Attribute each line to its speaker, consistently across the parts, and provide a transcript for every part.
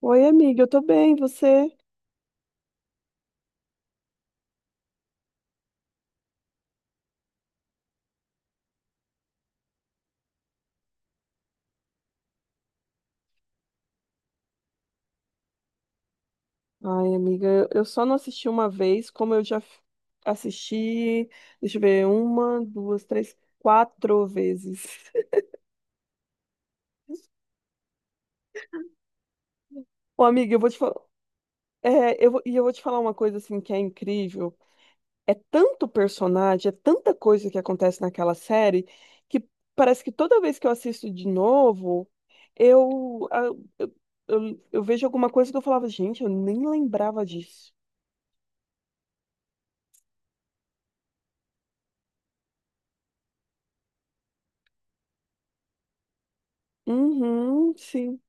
Speaker 1: Oi, amiga, eu tô bem, você? Ai, amiga, eu só não assisti uma vez, como eu assisti, deixa eu ver, uma, duas, três, quatro vezes. Ô, amiga, eu vou te falar, é, eu vou, e eu vou te falar uma coisa assim que é incrível. É tanto personagem, é tanta coisa que acontece naquela série que parece que toda vez que eu assisto de novo, eu, a- eu, eu vejo alguma coisa que eu falava: gente, eu nem lembrava disso. Uhum, sim.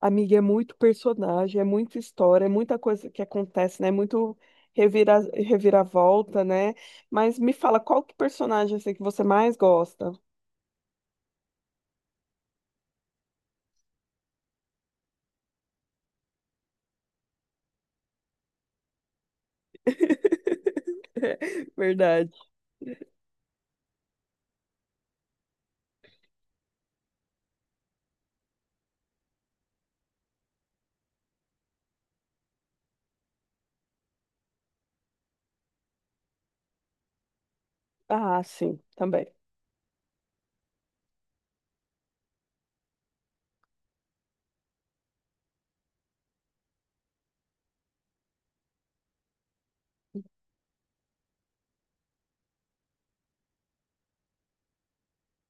Speaker 1: Amiga, é muito personagem, é muita história, é muita coisa que acontece, né? É muito revira, reviravolta, né? Mas me fala, qual que personagem assim, que você mais gosta? Verdade. Ah, sim, também.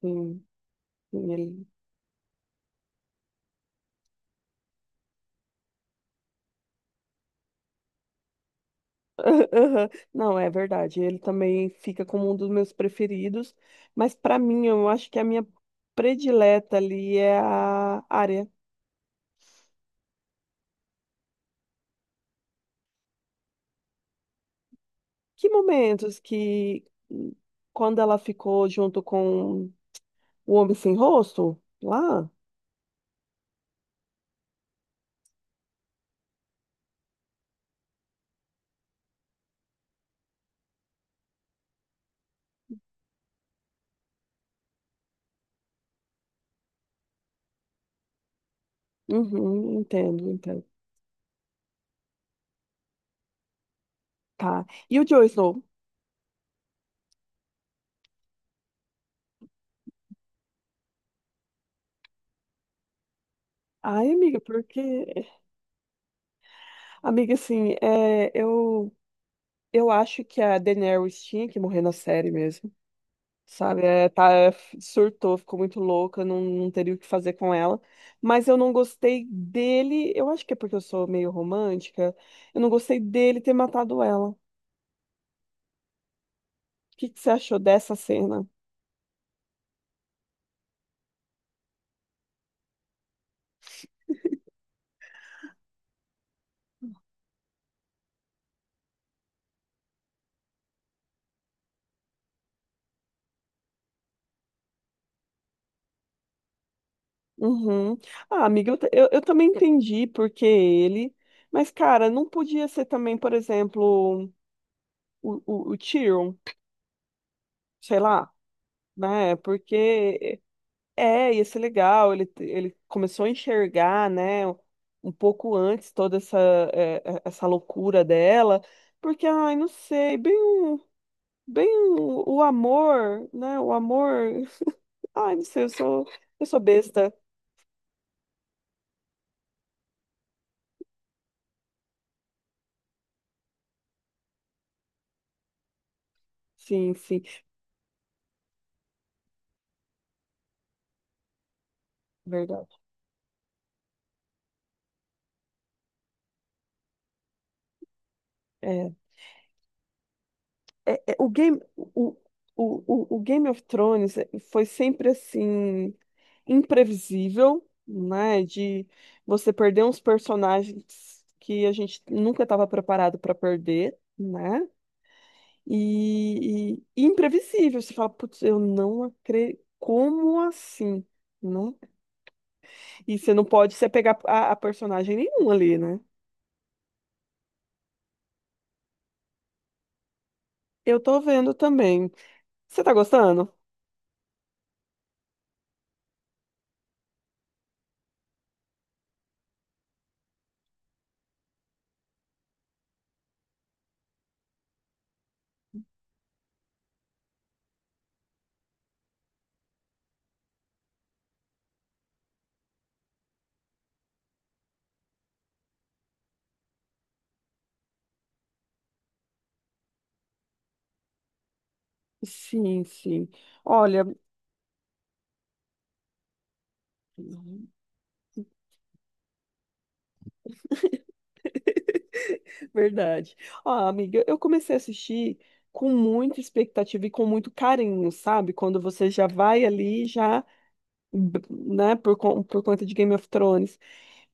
Speaker 1: Sim, sim, ele... Aham. Não, é verdade. Ele também fica como um dos meus preferidos. Mas para mim, eu acho que a minha predileta ali é a área. Que momentos que, quando ela ficou junto com o Homem Sem Rosto? Lá? Uhum, entendo, entendo. Tá. E o Joe Snow? Ai, amiga, porque... Amiga, assim, é, eu acho que a Daenerys tinha que morrer na série mesmo, sabe? É, tá, surtou, ficou muito louca, não, não teria o que fazer com ela. Mas eu não gostei dele, eu acho que é porque eu sou meio romântica, eu não gostei dele ter matado ela. O que que você achou dessa cena? Uhum. Ah, amiga, eu também entendi porque ele. Mas, cara, não podia ser também, por exemplo, o Tyrion, sei lá, né? Porque é, ia ser legal. Ele começou a enxergar, né, um pouco antes toda essa, é, é, essa loucura dela. Porque, ai, não sei, bem, o- bem o amor, né? O amor. Ai, não sei, eu sou besta. Sim, sim, verdade. É. O Game, o, o Game of Thrones foi sempre assim, imprevisível, né? De você perder uns personagens que a gente nunca estava preparado para perder, né? E, e imprevisível. Você fala: putz, eu não acredito. Como assim? Né? E você não pode se apegar a personagem nenhum ali, né? Eu tô vendo também. Você tá gostando? Sim, sim. Olha, verdade. Ah, amiga, eu comecei a assistir com muita expectativa e com muito carinho, sabe? Quando você já vai ali, já, né, por conta de Game of Thrones.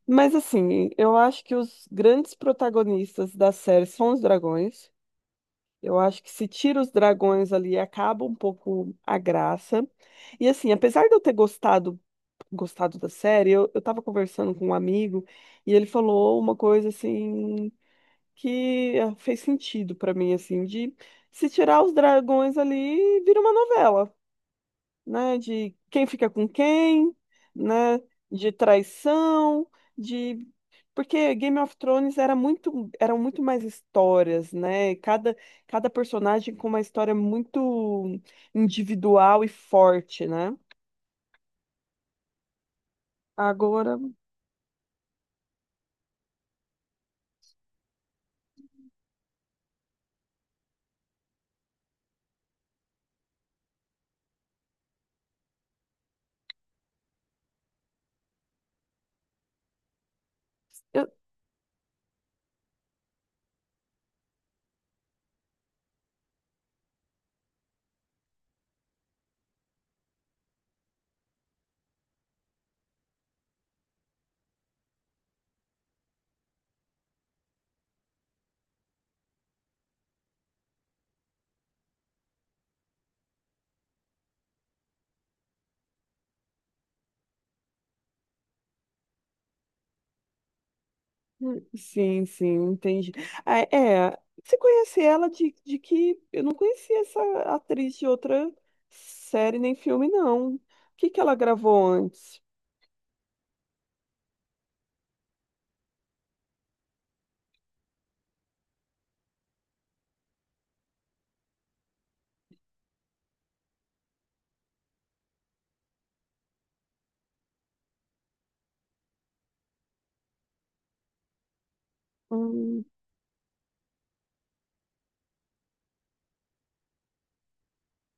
Speaker 1: Mas assim, eu acho que os grandes protagonistas da série são os dragões. Eu acho que se tira os dragões ali, acaba um pouco a graça. E assim, apesar de eu ter gostado, gostado da série, eu tava conversando com um amigo e ele falou uma coisa assim que fez sentido pra mim, assim, de se tirar os dragões ali, vira uma novela, né? De quem fica com quem, né? De traição, de porque Game of Thrones era muito, eram muito mais histórias, né? Cada, cada personagem com uma história muito individual e forte, né? Agora, eu- sim, sim, entendi. Ah, é, você conhece ela de que eu não conhecia essa atriz de outra série nem filme, não. O que que ela gravou antes? Hum,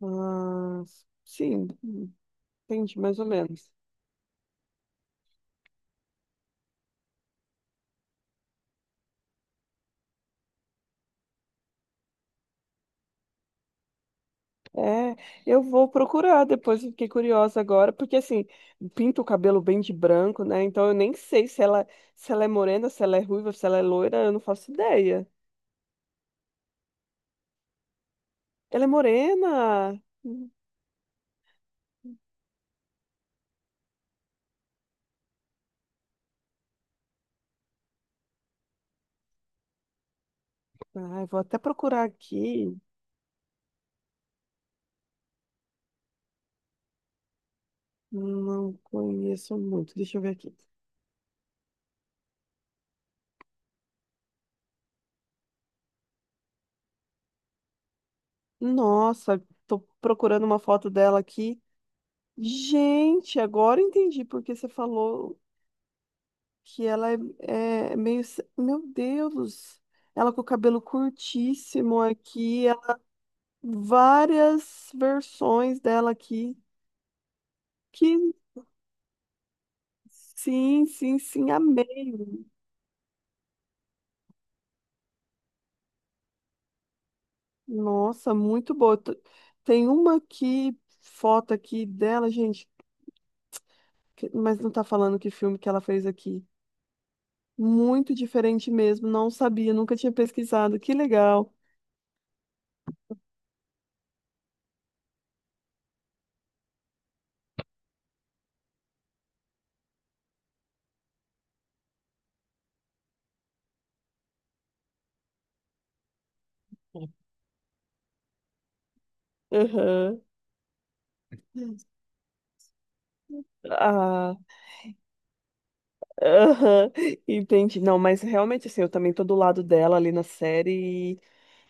Speaker 1: ah, sim, entendi, mais ou menos. É, eu vou procurar depois, eu fiquei curiosa agora, porque assim, pinta o cabelo bem de branco, né? Então eu nem sei se ela, se ela é morena, se ela é ruiva, se ela é loira, eu não faço ideia. Ela é morena? Ai, vou até procurar aqui. Não conheço muito, deixa eu ver aqui. Nossa, tô procurando uma foto dela aqui. Gente, agora eu entendi porque você falou que ela é, é meio. Meu Deus! Ela com o cabelo curtíssimo aqui, ela- várias versões dela aqui. Que sim, sim, sim, amei. Nossa, muito boa. Tem uma aqui, foto aqui dela, gente, que- mas não tá falando que filme que ela fez aqui. Muito diferente mesmo, não sabia, nunca tinha pesquisado. Que legal. Aham. Ah. Aham, entendi. Não, mas realmente, assim, eu também tô do lado dela ali na série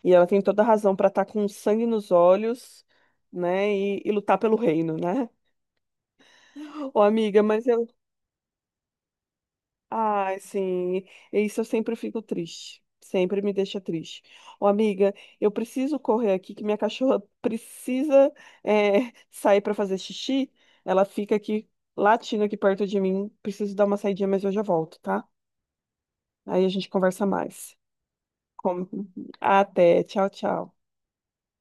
Speaker 1: e ela tem toda a razão pra estar com sangue nos olhos, né, e lutar pelo reino, né? Ô, amiga, mas eu... Ai, sim, isso eu sempre fico triste. Sempre me deixa triste. Ô, amiga, eu preciso correr aqui que minha cachorra precisa é, sair pra fazer xixi. Ela fica aqui latindo aqui perto de mim. Preciso dar uma saidinha, mas eu já volto, tá? Aí a gente conversa mais. Como- até. Tchau, tchau.